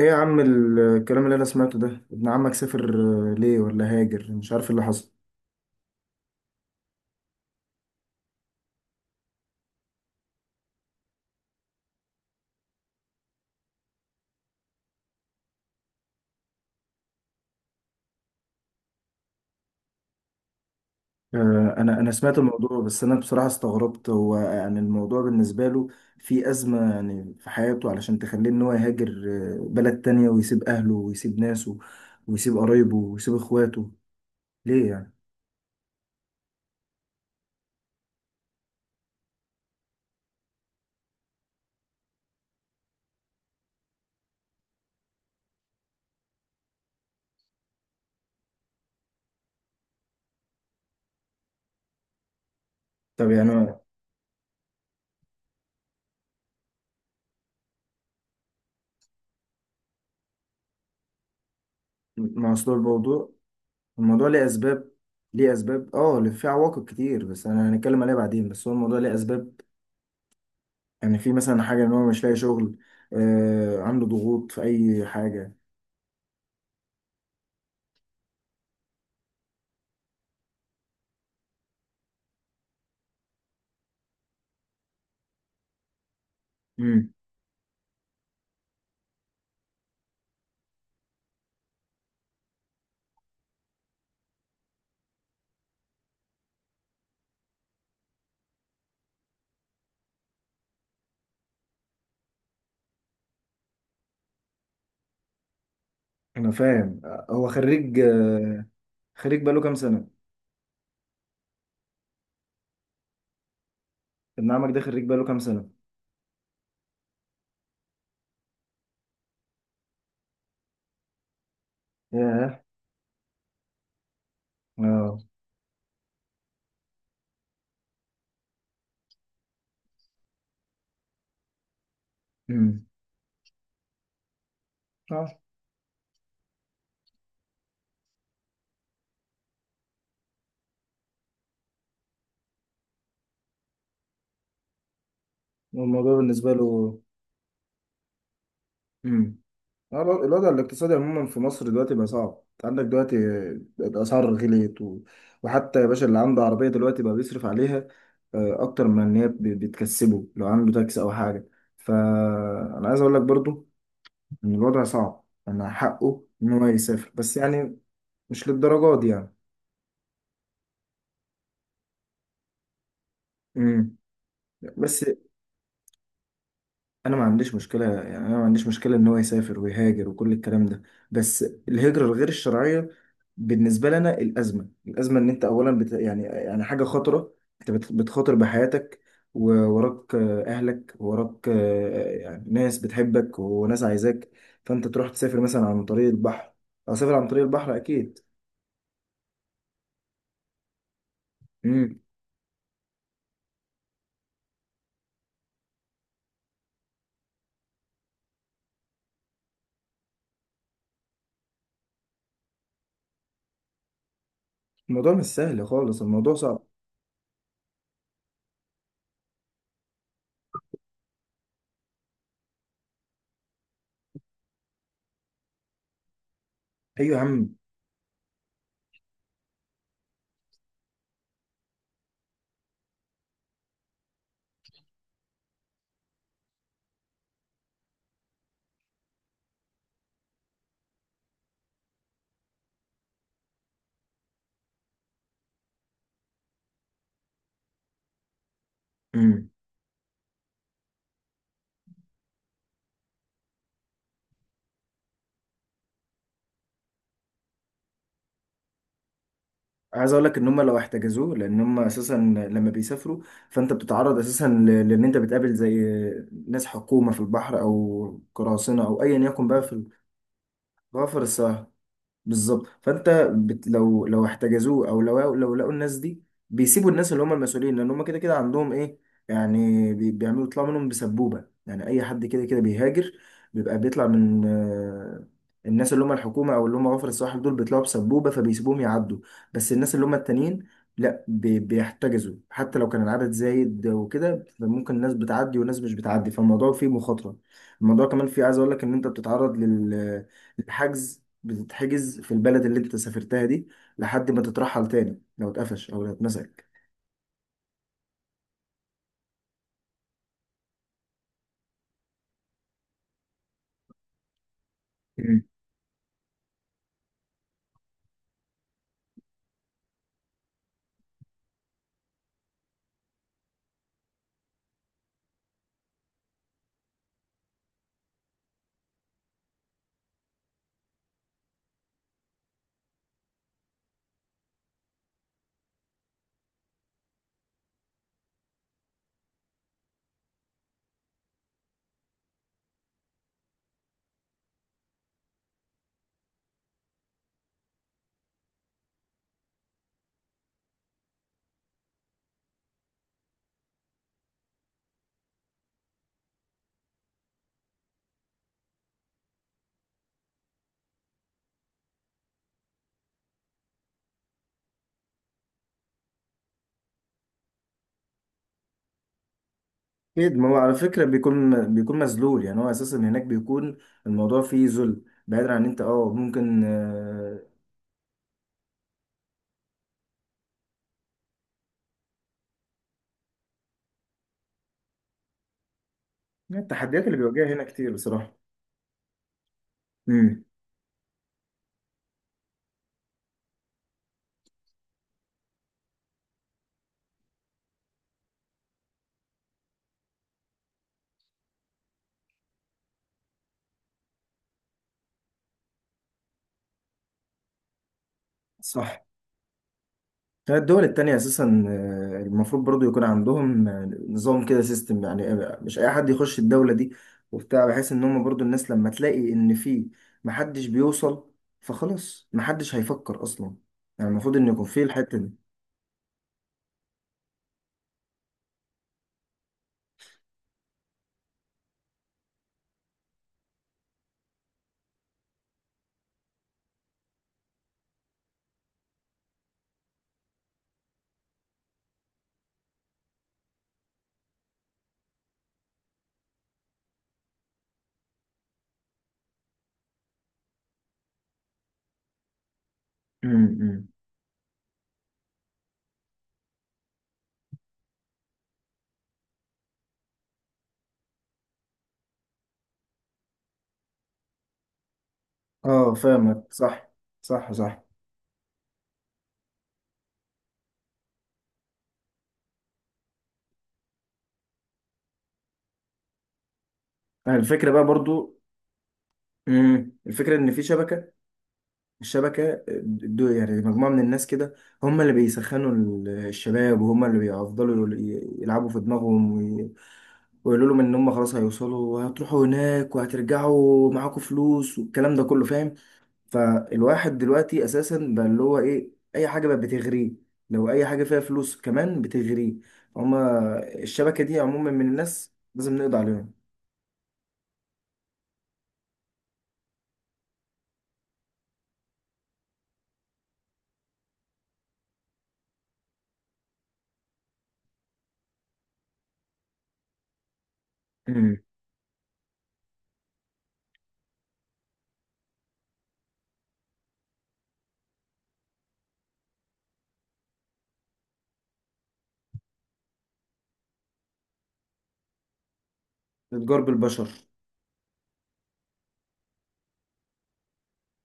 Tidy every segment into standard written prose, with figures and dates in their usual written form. ايه يا عم الكلام اللي انا سمعته ده؟ ابن عمك سافر؟ ليه؟ ولا هاجر؟ مش عارف إيه اللي حصل. انا سمعت الموضوع، بس انا بصراحة استغربت. هو يعني الموضوع بالنسبة له في أزمة يعني في حياته علشان تخليه ان هو يهاجر بلد تانية ويسيب اهله ويسيب ناسه ويسيب قرايبه ويسيب اخواته؟ ليه يعني؟ طب يعني ما اصل الموضوع، الموضوع ليه اسباب. ليه اسباب، اه، في عواقب كتير، بس انا هنتكلم عليها بعدين. بس هو الموضوع ليه اسباب، يعني في مثلا حاجة ان هو مش لاقي شغل؟ آه، عنده ضغوط في اي حاجة؟ امم انا فاهم. هو خريج، خريج بقاله كام سنة؟ ابن عمك ده خريج بقاله كام سنة؟ ياه. اه. امم اه. والموضوع بالنسبة له؟ امم. الوضع الاقتصادي عموما في مصر دلوقتي بقى صعب. أنت عندك دلوقتي الأسعار غليت وحتى يا باشا اللي عنده عربية دلوقتي بقى بيصرف عليها أكتر من إن بتكسبه، لو عنده تاكس أو حاجة. فأنا عايز أقول لك برضو إن الوضع صعب، أنا حقه إن هو يسافر، بس يعني مش للدرجات دي يعني. امم. بس أنا ما عنديش مشكلة يعني، أنا ما عنديش مشكلة إن هو يسافر ويهاجر وكل الكلام ده، بس الهجرة الغير الشرعية بالنسبة لنا الأزمة إن يعني يعني حاجة خطرة. بتخاطر بحياتك، ووراك أهلك، ووراك يعني ناس بتحبك وناس عايزاك. فأنت تروح تسافر مثلا عن طريق البحر، أو سافر عن طريق البحر أكيد. امم. الموضوع مش سهل خالص، الموضوع صعب. ايوه يا عم. امم. عايز اقول لك ان هم لو احتجزوه، لان هم اساسا لما بيسافروا فانت بتتعرض اساسا لان انت بتقابل زي ناس حكومه في البحر او قراصنه او ايا يكن، بقى في الغفر السهل بالظبط. لو لو احتجزوه، او لو لقوا الناس دي، بيسيبوا الناس اللي هم المسؤولين، لان هم كده كده عندهم ايه يعني، بيعملوا يطلعوا منهم بسبوبه. يعني اي حد كده كده بيهاجر بيبقى بيطلع من الناس اللي هم الحكومه او اللي هم غفر الصالح دول، بيطلعوا بسبوبه فبيسيبوهم يعدوا. بس الناس اللي هم التانيين لا، بيحتجزوا. حتى لو كان العدد زايد وكده فممكن الناس بتعدي وناس مش بتعدي، فالموضوع فيه مخاطره. الموضوع كمان فيه، عايز اقول لك ان انت بتتعرض لل الحجز، بتتحجز في البلد اللي انت سافرتها دي لحد ما تترحل تاني لو اتقفش او لو اتمسك. مم. اكيد، ما هو على فكره بيكون بيكون مذلول. يعني هو اساسا هناك بيكون الموضوع فيه ذل، بعيدا عن انت اه ممكن آه، التحديات اللي بيواجهها هنا كتير بصراحه. مم. صح. الدول التانية أساسا المفروض برضو يكون عندهم نظام كده، سيستم يعني، مش أي حد يخش الدولة دي وبتاع، بحيث إن هم برضو الناس لما تلاقي إن في محدش بيوصل فخلاص محدش هيفكر أصلا. يعني المفروض إن يكون في الحتة دي. أمم، أمم. اه فاهمك، صح صح صح. يعني الفكرة بقى برضو، أمم، الفكرة إن في شبكة. الشبكة دو يعني مجموعة من الناس كده، هم اللي الشباب، وهم اللي بيفضلوا يلعبوا في دماغهم ويقولوا لهم ان هم خلاص هيوصلوا وهتروحوا هناك وهترجعوا معاكم فلوس والكلام ده كله، فاهم؟ فالواحد دلوقتي اساسا بقى اللي هو ايه، اي حاجه بقت بتغريه، لو اي حاجه فيها فلوس كمان بتغريه. هما الشبكه دي عموما من الناس لازم نقضي عليهم. امم. الاتجار بالبشر.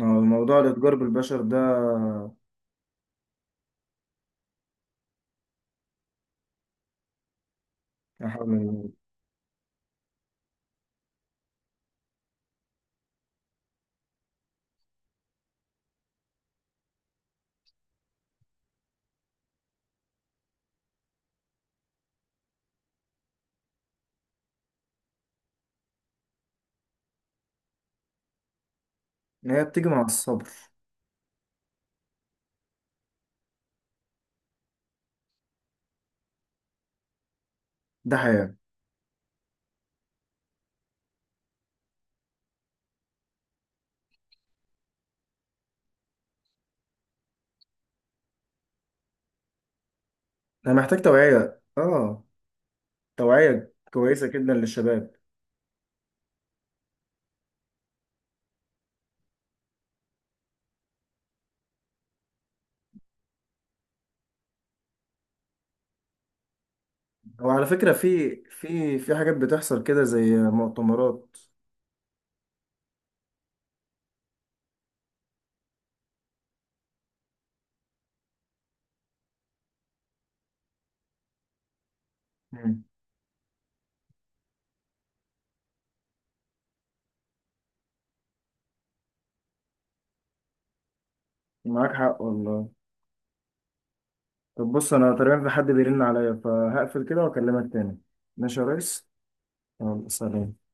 موضوع الاتجار بالبشر ده، يا حول ولا قوة. هي بتيجي مع الصبر. ده حياه. انا محتاج توعيه، اه توعيه كويسه جدا للشباب. هو على فكرة في في حاجات بتحصل كده زي مؤتمرات. مم. معاك حق والله. طب بص، أنا تقريبا في حد بيرن عليا فهقفل كده وأكلمك تاني. ماشي يا ريس. يلا، سلام.